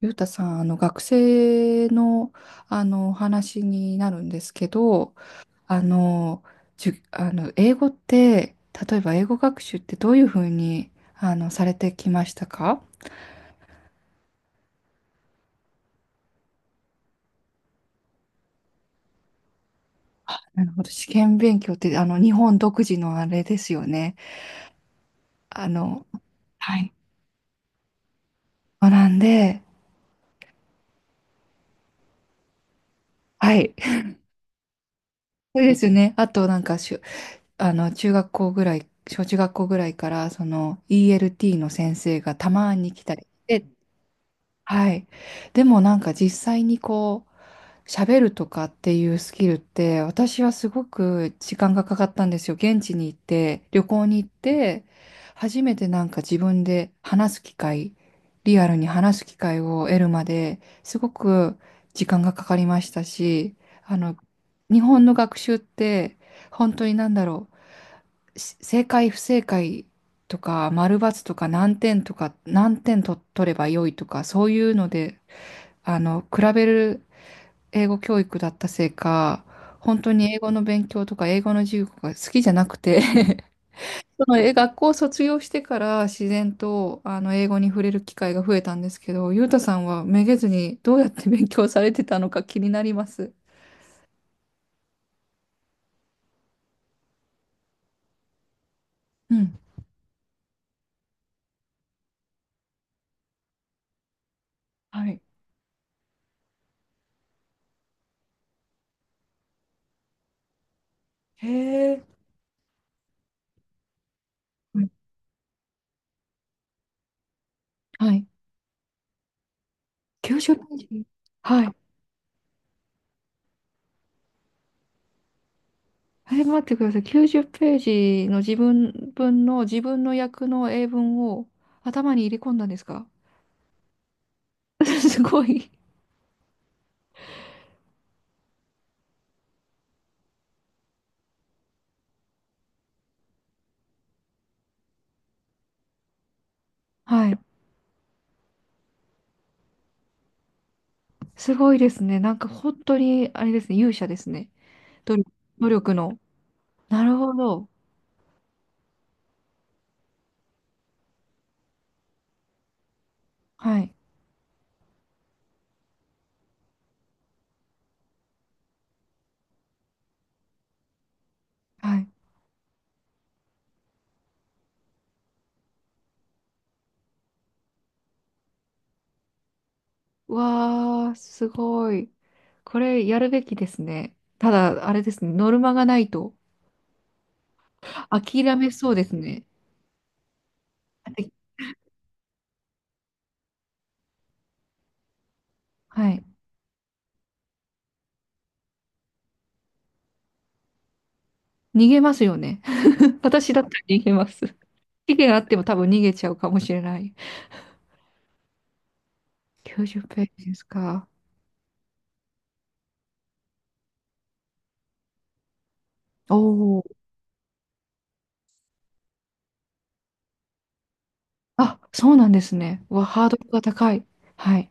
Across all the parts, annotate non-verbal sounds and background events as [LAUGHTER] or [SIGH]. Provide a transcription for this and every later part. ゆうたさん、学生の、お話になるんですけど、あの、英語って、例えば英語学習ってどういうふうにされてきましたか？なるほど、試験勉強って日本独自のあれですよね。あの、はい。学んで、はい。[LAUGHS] そうですよね。あとなんか中学校ぐらい、小中学校ぐらいから、その ELT の先生がたまに来たりして。はい。でもなんか実際にこう、喋るとかっていうスキルって、私はすごく時間がかかったんですよ。現地に行って、旅行に行って、初めてなんか自分で話す機会、リアルに話す機会を得るまで、すごく時間がかかりましたし、あの、日本の学習って、本当になんだろう、正解不正解、とか、丸×とか何点とか、何点と取れば良いとか、そういうので比べる英語教育だったせいか、本当に英語の勉強とか英語の授業が好きじゃなくて。 [LAUGHS] そのえ学校を卒業してから自然と英語に触れる機会が増えたんですけど、ゆうたさんはめげずにどうやって勉強されてたのか気になります。うん。はい。へえ。うんはい。90ページ。はい。え、待ってください。90ページの自分の役の英文を頭に入れ込んだんですか？ [LAUGHS] すごい。はい。すごいですね。なんか本当に、あれですね、勇者ですね。努力、努力の。なるほど。はい。はい。わー、すごい。これやるべきですね。ただ、あれですね、ノルマがないと諦めそうですね。だって、はい。逃げますよね。[LAUGHS] 私だったら逃げます。[LAUGHS] 期限あっても多分逃げちゃうかもしれない。90ページですか？おお。あ、そうなんですね。うわ、ハードルが高い。はい。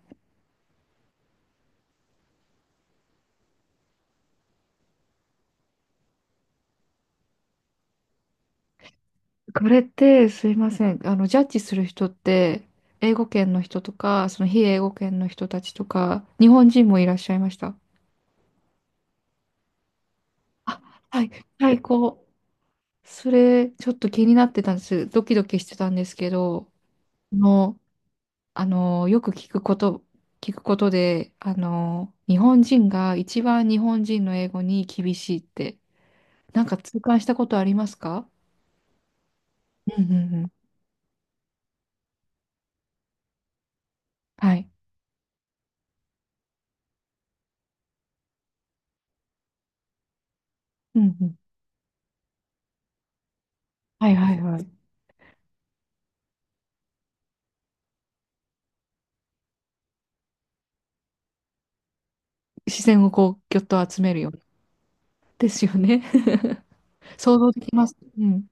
これってすいません。ジャッジする人って、英語圏の人とか、その非英語圏の人たちとか、日本人もいらっしゃいました？あ、はい、最高。それ、ちょっと気になってたんです。ドキドキしてたんですけど、もう、よく聞くこと、聞くことで、日本人が一番日本人の英語に厳しいって、なんか痛感したことありますか？うんうんうん。はい。うんうん。はいはいはい。視線をこう、ぎょっと集めるような。ですよね。[LAUGHS] 想像できます。うん。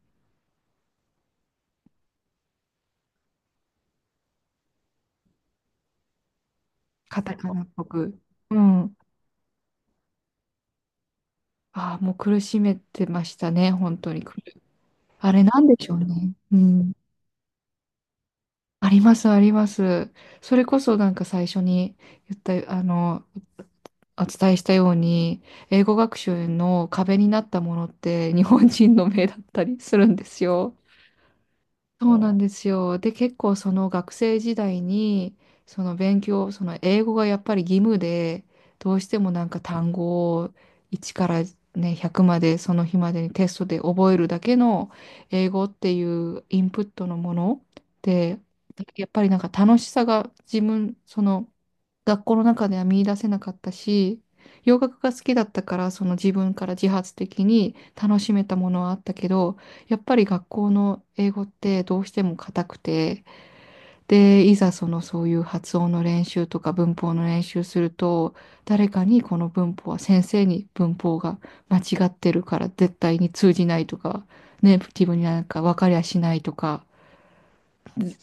カタカナっぽく。うん。ああ、もう苦しめてましたね、本当に。あれなんでしょうね。うん。あります、あります。それこそなんか最初に言った、あの、お伝えしたように、英語学習の壁になったものって日本人の目だったりするんですよ。そうなんですよ。で、結構その学生時代に、その勉強、その英語がやっぱり義務で、どうしてもなんか単語を1からね、100までその日までにテストで覚えるだけの英語っていうインプットのもので、やっぱりなんか楽しさがその学校の中では見出せなかったし、洋楽が好きだったから、その自分から自発的に楽しめたものはあったけど、やっぱり学校の英語ってどうしても硬くて、で、いざそういう発音の練習とか文法の練習すると、誰かにこの文法は先生に文法が間違ってるから絶対に通じないとか、ネイティブになんか分かりゃしないとか、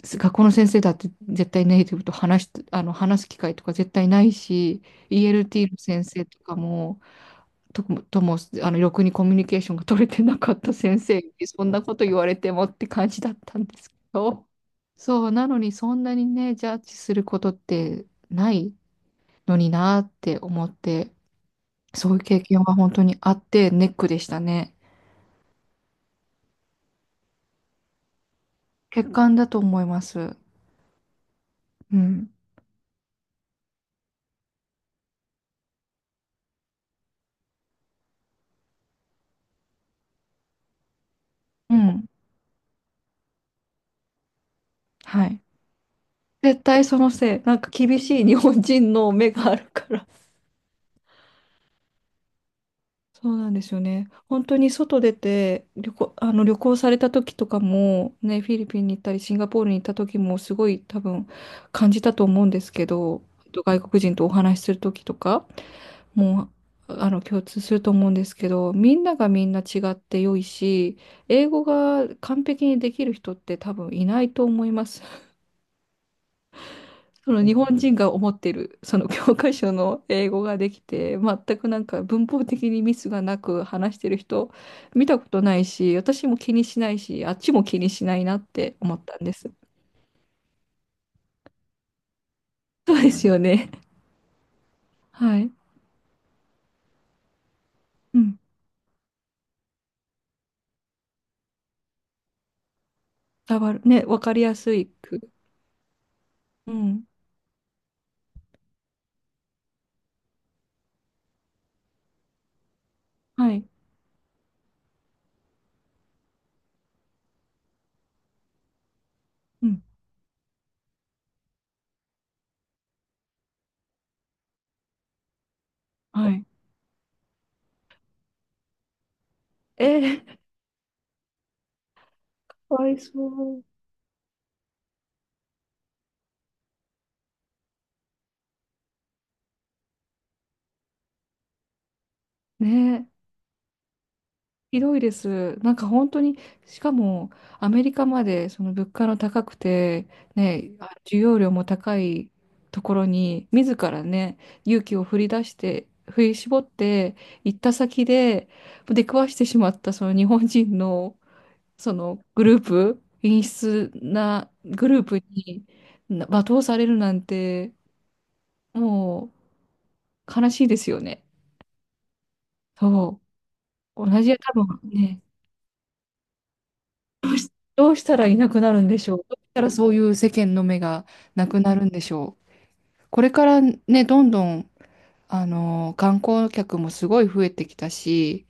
学校の先生だって絶対ネイティブと話し、あの話す機会とか絶対ないし、ELT の先生とかも、と、とも、ろくにコミュニケーションが取れてなかった先生に、そんなこと言われてもって感じだったんですけど、そう、なのにそんなにね、ジャッジすることってないのになって思って、そういう経験は本当にあってネックでしたね。欠陥だと思います。うん。うん。はい。絶対そのせい。なんか厳しい日本人の目があるから。[LAUGHS] そうなんですよね。本当に外出て旅行された時とかも、ね、フィリピンに行ったり、シンガポールに行った時もすごい多分感じたと思うんですけど、外国人とお話しする時とかもう、共通すると思うんですけど、みんながみんな違って良いし、英語が完璧にできる人って多分いないと思います。その日本人が思ってるその教科書の英語ができて全くなんか文法的にミスがなく話してる人見たことないし、私も気にしないし、あっちも気にしないなって思ったんです。そうですよね。[LAUGHS] はい。うん。伝わる。ね、わかりやすいく。うん。はい。うん。はい。えー、かわいそう。ね、ひどいです。なんか本当に、しかもアメリカまでその物価の高くて、ね、需要量も高いところに、自らね、勇気を振り絞って行った先で、出くわしてしまったその日本人のそのグループ、陰湿なグループに罵倒されるなんて、もう悲しいですよね。そう。同じ、多分ね、どうしたらいなくなるんでしょう。どうしたらそういう世間の目がなくなるんでしょう。これからね、どんどん、観光客もすごい増えてきたし、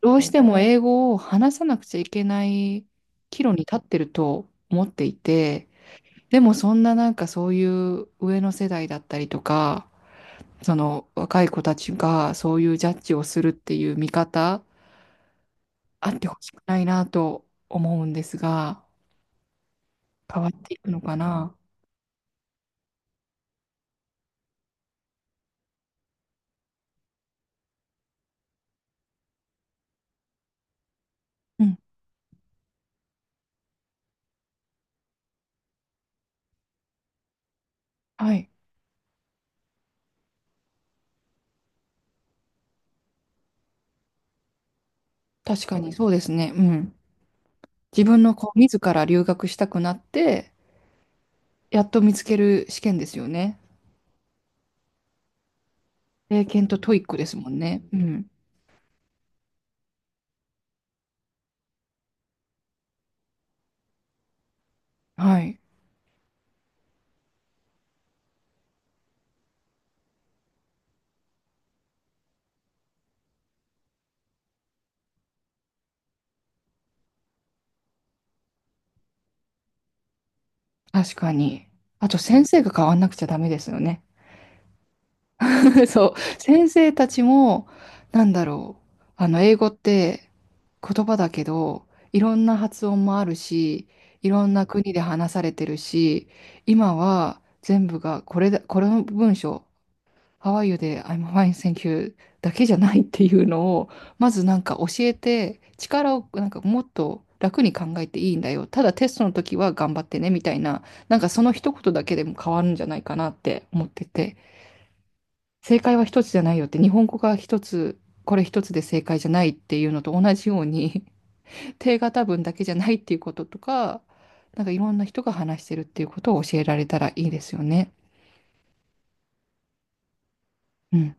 どうしても英語を話さなくちゃいけない岐路に立ってると思っていて、でもそんななんかそういう上の世代だったりとか、その若い子たちがそういうジャッジをするっていう見方、あってほしくないなと思うんですが、変わっていくのかな。うん。はい。確かにそうですね。うん。自分のこう自ら留学したくなって、やっと見つける試験ですよね。英検とトイックですもんね。うん。はい。確かに。あと先生が変わんなくちゃダメですよね。[LAUGHS] そう。先生たちも、なんだろう。英語って言葉だけど、いろんな発音もあるし、いろんな国で話されてるし、今は全部がこれだ、この文章、How are you で I'm fine, thank you だけじゃないっていうのを、まずなんか教えて、力をなんかもっと楽に考えていいんだよ。ただテストの時は頑張ってねみたいな、なんかその一言だけでも変わるんじゃないかなって思ってて、正解は一つじゃないよって、日本語が一つ、これ一つで正解じゃないっていうのと同じように、[LAUGHS] 定型文だけじゃないっていうこととか、なんかいろんな人が話してるっていうことを教えられたらいいですよね。うん。